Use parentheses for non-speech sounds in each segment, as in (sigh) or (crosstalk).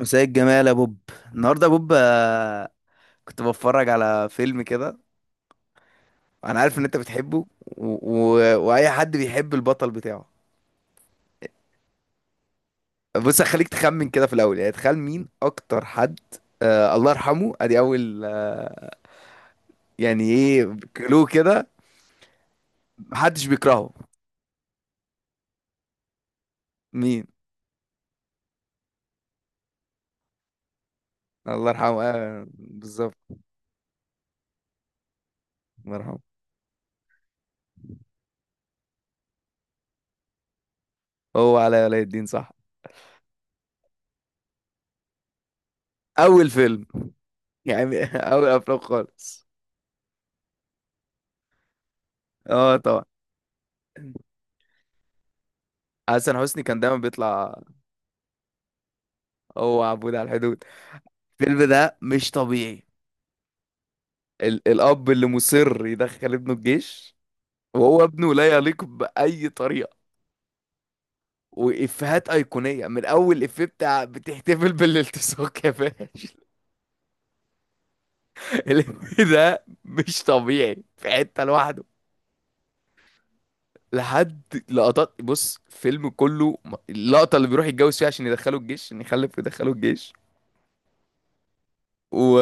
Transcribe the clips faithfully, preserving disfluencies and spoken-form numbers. مساء الجمال يا بوب. النهارده يا بوب، آه، كنت بتفرج على فيلم كده. انا عارف ان انت بتحبه و... و... واي حد بيحب البطل بتاعه. بص، هخليك تخمن كده في الاول، يعني تخيل مين اكتر حد، آه الله يرحمه. ادي اول، آه يعني ايه كلو كده. محدش بيكرهه. مين؟ الله يرحمه، آه، بالظبط. الله يرحمه. هو علاء ولي الدين، صح؟ اول فيلم، (laughs) يعني اول افلام خالص. اه طبعا. حسن حسني كان دايما بيطلع. هو عبود على الحدود. الفيلم ده مش طبيعي. ال الأب اللي مصر يدخل ابنه الجيش، وهو ابنه لا يليق بأي طريقة. وإفيهات أيقونية من أول إفيه بتاع بتحتفل بالالتصاق يا فاشل. (laughs) الإفيه ده مش طبيعي في حتة لوحده. لحد لقطات، بص الفيلم كله م- اللقطة اللي بيروح يتجوز فيها عشان يدخله الجيش، عشان يخلف ويدخله الجيش، و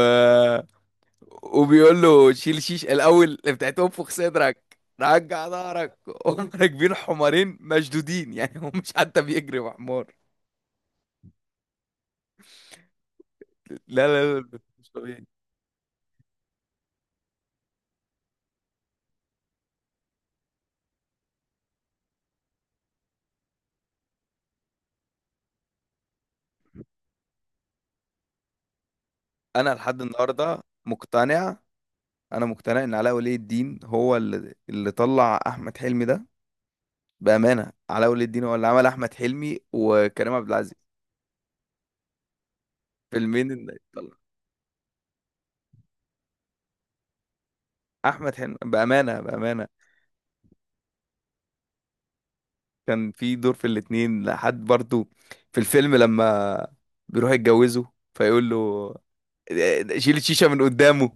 وبيقول له شيل شيش الاول بتاعت انفخ صدرك رجع ظهرك. هم راكبين حمارين مشدودين، يعني هو مش حتى بيجري مع حمار. لا لا لا، مش طبيعي. انا لحد النهارده مقتنع. انا مقتنع ان علاء ولي الدين هو اللي اللي طلع احمد حلمي ده. بامانه، علاء ولي الدين هو اللي عمل احمد حلمي وكريم عبد العزيز. فيلمين اللي طلع. احمد حلمي، بامانه بامانه، كان في دور في الاتنين لحد برضو. في الفيلم لما بيروح يتجوزه فيقول له "إيه، شيل الشيشة من قدامه".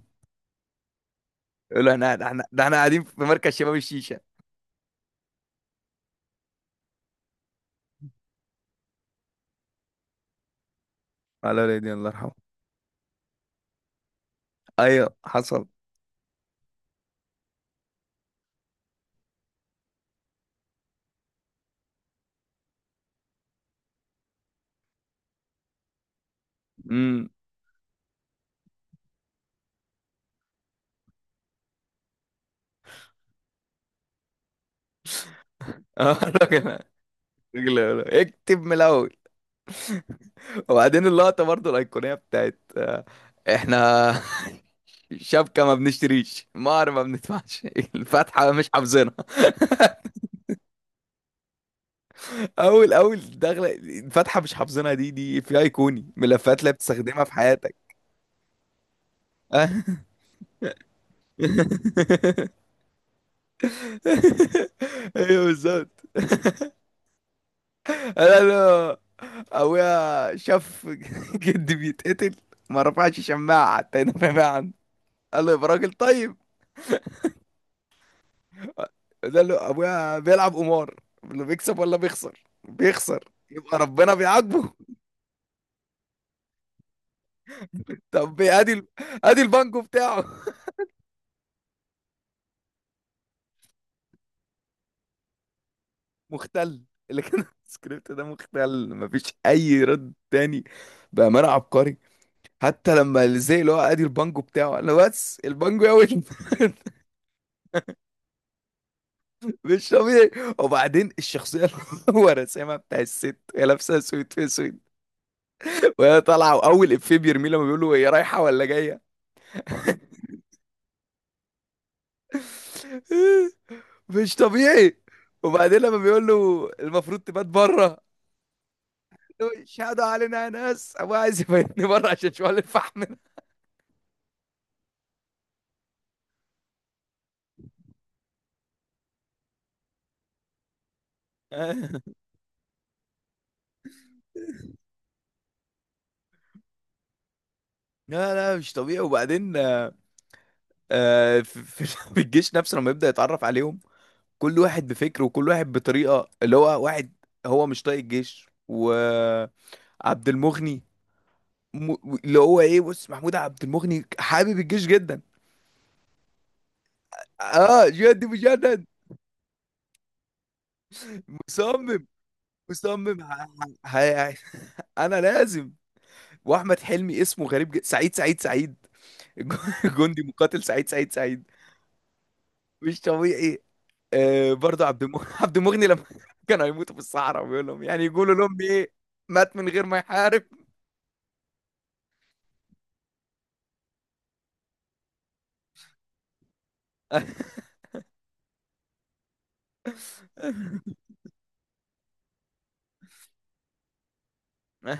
يقول له احنا، احنا ده احنا قاعدين في مركز شباب الشيشة. على ولادي الله يرحمه. ايوه حصل. امم. (laughs) اه الراجل، الراجل يقول له اكتب من الاول. وبعدين اللقطة برضو الأيقونية بتاعت آه، احنا (laughs) شبكة ما بنشتريش، مهر ما بندفعش، الفاتحة مش حافظينها. اول اول دخله، فاتحه مش حافظينها، دي دي في ايقوني ملفات لا بتستخدمها في حياتك. (laughs) ايوه بالظبط. انا انا ابويا شاف (laughs) جدي بيتقتل، ما رفعش شماعه حتى ينفع عنه. قال له يا راجل طيب. قال له ابويا بيلعب قمار، اللي بيكسب ولا بيخسر بيخسر، يبقى ربنا بيعاقبه. طب إيه، ادي، ادي البانكو بتاعه. مختل. اللي كان (laughs) في السكريبت ده مختل، مفيش اي رد تاني. بامانه عبقري. حتى لما زي اللي هو ادي البانجو بتاعه، انا بس البانجو يا ويل. (laughs) مش طبيعي. وبعدين الشخصيه اللي هو رسامها بتاع الست، هي لابسه سويت في سويت، وهي طالعه، واول افيه بيرميه لما بيقول له هي رايحه ولا جايه. (laughs) مش طبيعي. وبعدين لما بيقول له المفروض تبات بره، اشهدوا علينا يا ناس ابويا عايز يبيتني بره عشان شوال الفحم. (laughs) لا لا، مش طبيعي. وبعدين آه، آه، في في- (laughs) في الجيش نفسه، لما يبدأ يتعرف عليهم، كل واحد بفكر وكل واحد بطريقة، اللي هو واحد هو مش طايق الجيش، وعبد المغني، م- اللي هو ايه، بص محمود عبد المغني حابب الجيش جدا. اه جد مجدد. مصمم مصمم ه- ه- ه- (laughs) انا لازم. واحمد حلمي اسمه غريب جدا، سعيد سعيد سعيد. (laughs) جندي مقاتل سعيد سعيد سعيد. مش طبيعي. آه، برضه عبد المغني (laughs) عبد المغني لما (laughs) كانوا هيموتوا في الصحراء، وبيقول لهم يعني يقولوا لهم ايه. مات من غير ما يحارب. (laughs) لا،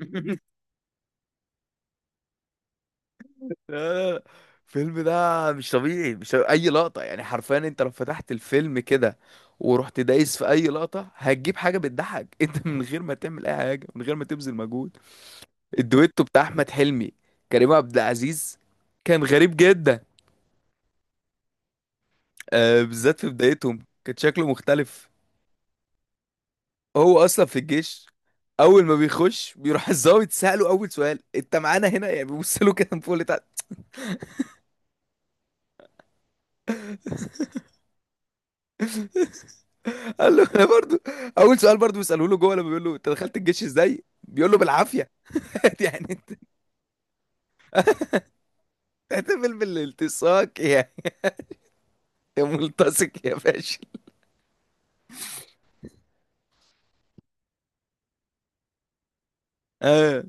لا، لا. الفيلم ده مش طبيعي، مش طبيعي. اي لقطة، يعني حرفيا، انت لو فتحت الفيلم كده ورحت دايس في اي لقطة، هتجيب حاجة بتضحك. (laughs) انت من غير ما تعمل اي حاجة، من غير ما تبذل مجهود. الدويتو بتاع احمد حلمي، كريم عبد العزيز، كان غريب جدا. آه، بالذات في بدايتهم كان شكله مختلف. هو اصلا في الجيش، اول ما بيخش بيروح الضابط ساله اول سؤال، انت معانا هنا؟ يعني بيبص له كده من فوق لتحت. (laughs) قال له انا برضو. اول سؤال برضو بيساله له جوه، لما بيقول له انت دخلت الجيش ازاي، بيقول له بالعافيه. (laughs) يعني انت تحتفل بالالتصاق يا، يا ملتصق يا فاشل. آه.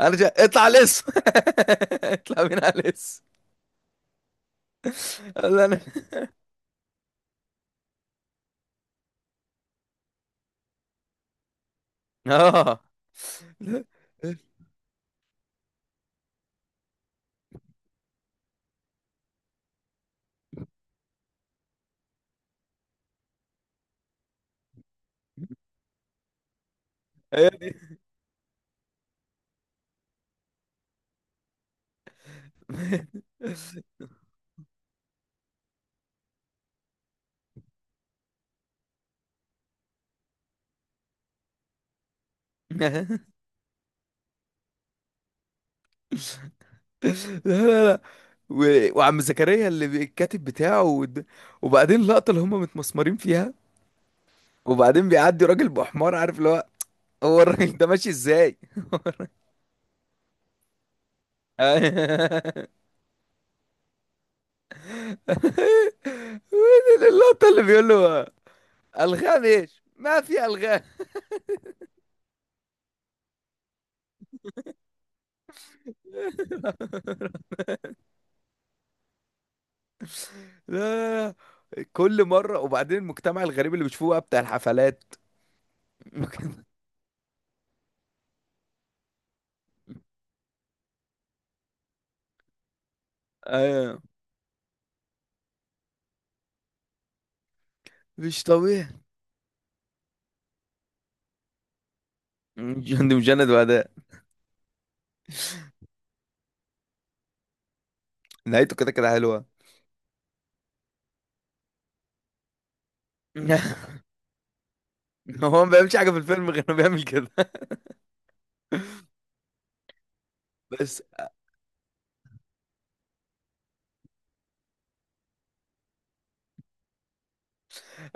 انا جا... اطلع لص. (laughs) اطلع من على لص. قال له انا (laughs) اه هي دي. (laughs) (laughs) لا لا لا، و... وعم زكريا اللي بي- الكاتب بتاعه ود... وبعدين اللقطة اللي هم متمسمرين فيها، وبعدين بيعدي راجل بحمار، عارف اللي هو، هو الراجل ده ماشي ازاي. (laughs) وين اللقطة اللي بيقول له ألغام؟ ايش ما في ألغام. (laughs) لا لا لا، كل مرة. وبعدين المجتمع الغريب اللي بيشوفوه بقى بتاع الحفلات. (laughs) ايوه مش طبيعي. (laughs) جند مجند وأداء. نهايته كده كده حلوة. (laughs) (laughs) هو ما بيعملش حاجه في الفيلم غير انه بيعمل كده. (laughs) بس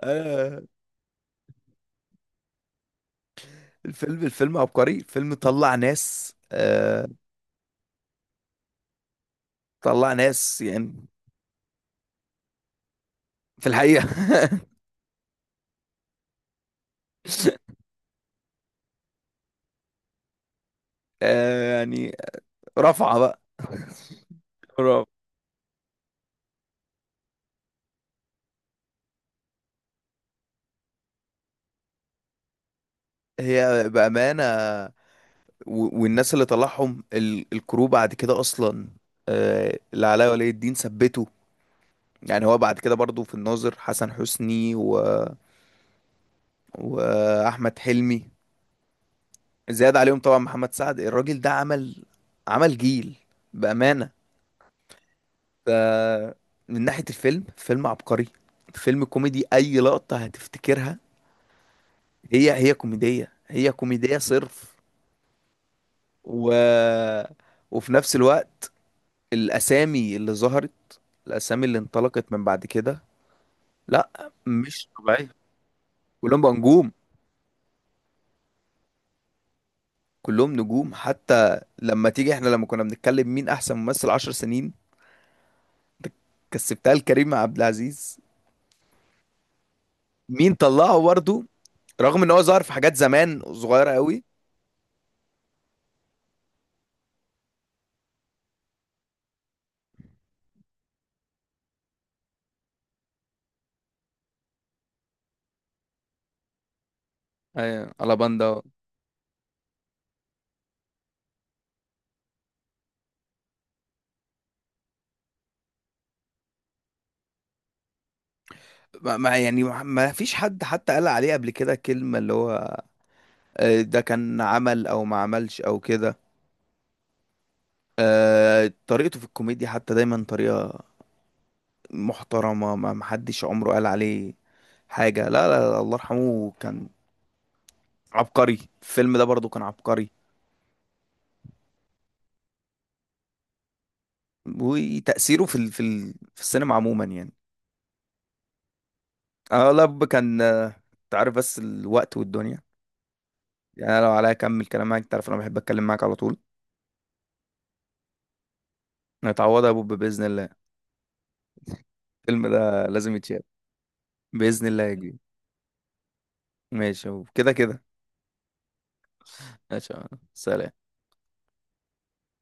آه. الفيلم الفيلم عبقري، الفيلم طلع ناس، آه طلع ناس يعني. في الحقيقه، (laughs) آه يعني رفعه بقى. (laughs) رفعة. هي بامانه، و- والناس اللي طلعهم ال- الكرو بعد كده اصلا، آه اللي علاء ولي الدين ثبته. يعني هو بعد كده برضو في الناظر، حسن حسني و... واحمد حلمي، زياد عليهم طبعا محمد سعد. الراجل ده عمل، عمل جيل، بأمانة. ده من ناحية الفيلم، فيلم عبقري، فيلم كوميدي، أي لقطة هتفتكرها هي هي كوميدية، هي كوميدية صرف. و... وفي نفس الوقت، الأسامي اللي ظهرت، الأسامي اللي انطلقت من بعد كده، لا مش طبيعية. كلهم بقى نجوم، كلهم نجوم. حتى لما تيجي، احنا لما كنا بنتكلم مين أحسن ممثل عشر سنين، كسبتها لكريم عبد العزيز. مين طلعه برضه؟ رغم ان هو ظهر في حاجات زمان صغيره قوي. ايوه الاباندا. ما ما- يعني ما فيش حد حتى قال عليه قبل كده كلمة اللي هو، آه، ده كان عمل او ما عملش او كده. آه، طريقته في الكوميديا حتى دايما طريقة محترمة. ما ما حدش عمره قال عليه حاجة. لا لا لا، الله يرحمه كان عبقري. الفيلم ده برضو كان عبقري. وتأثيره في ال- في ال- في السينما عموما، يعني انا والله ب- كان، آه، تعرف بس الوقت والدنيا، يعني أنا لو عليا اكمل كلام معاك، تعرف انا بحب اتكلم معاك على طول. نتعوضها يا بوب باذن الله. الفيلم ده لازم يتشاف، باذن الله يا كبير. ماشي يا بوب، كده كده. ماشي يا عم. سلام.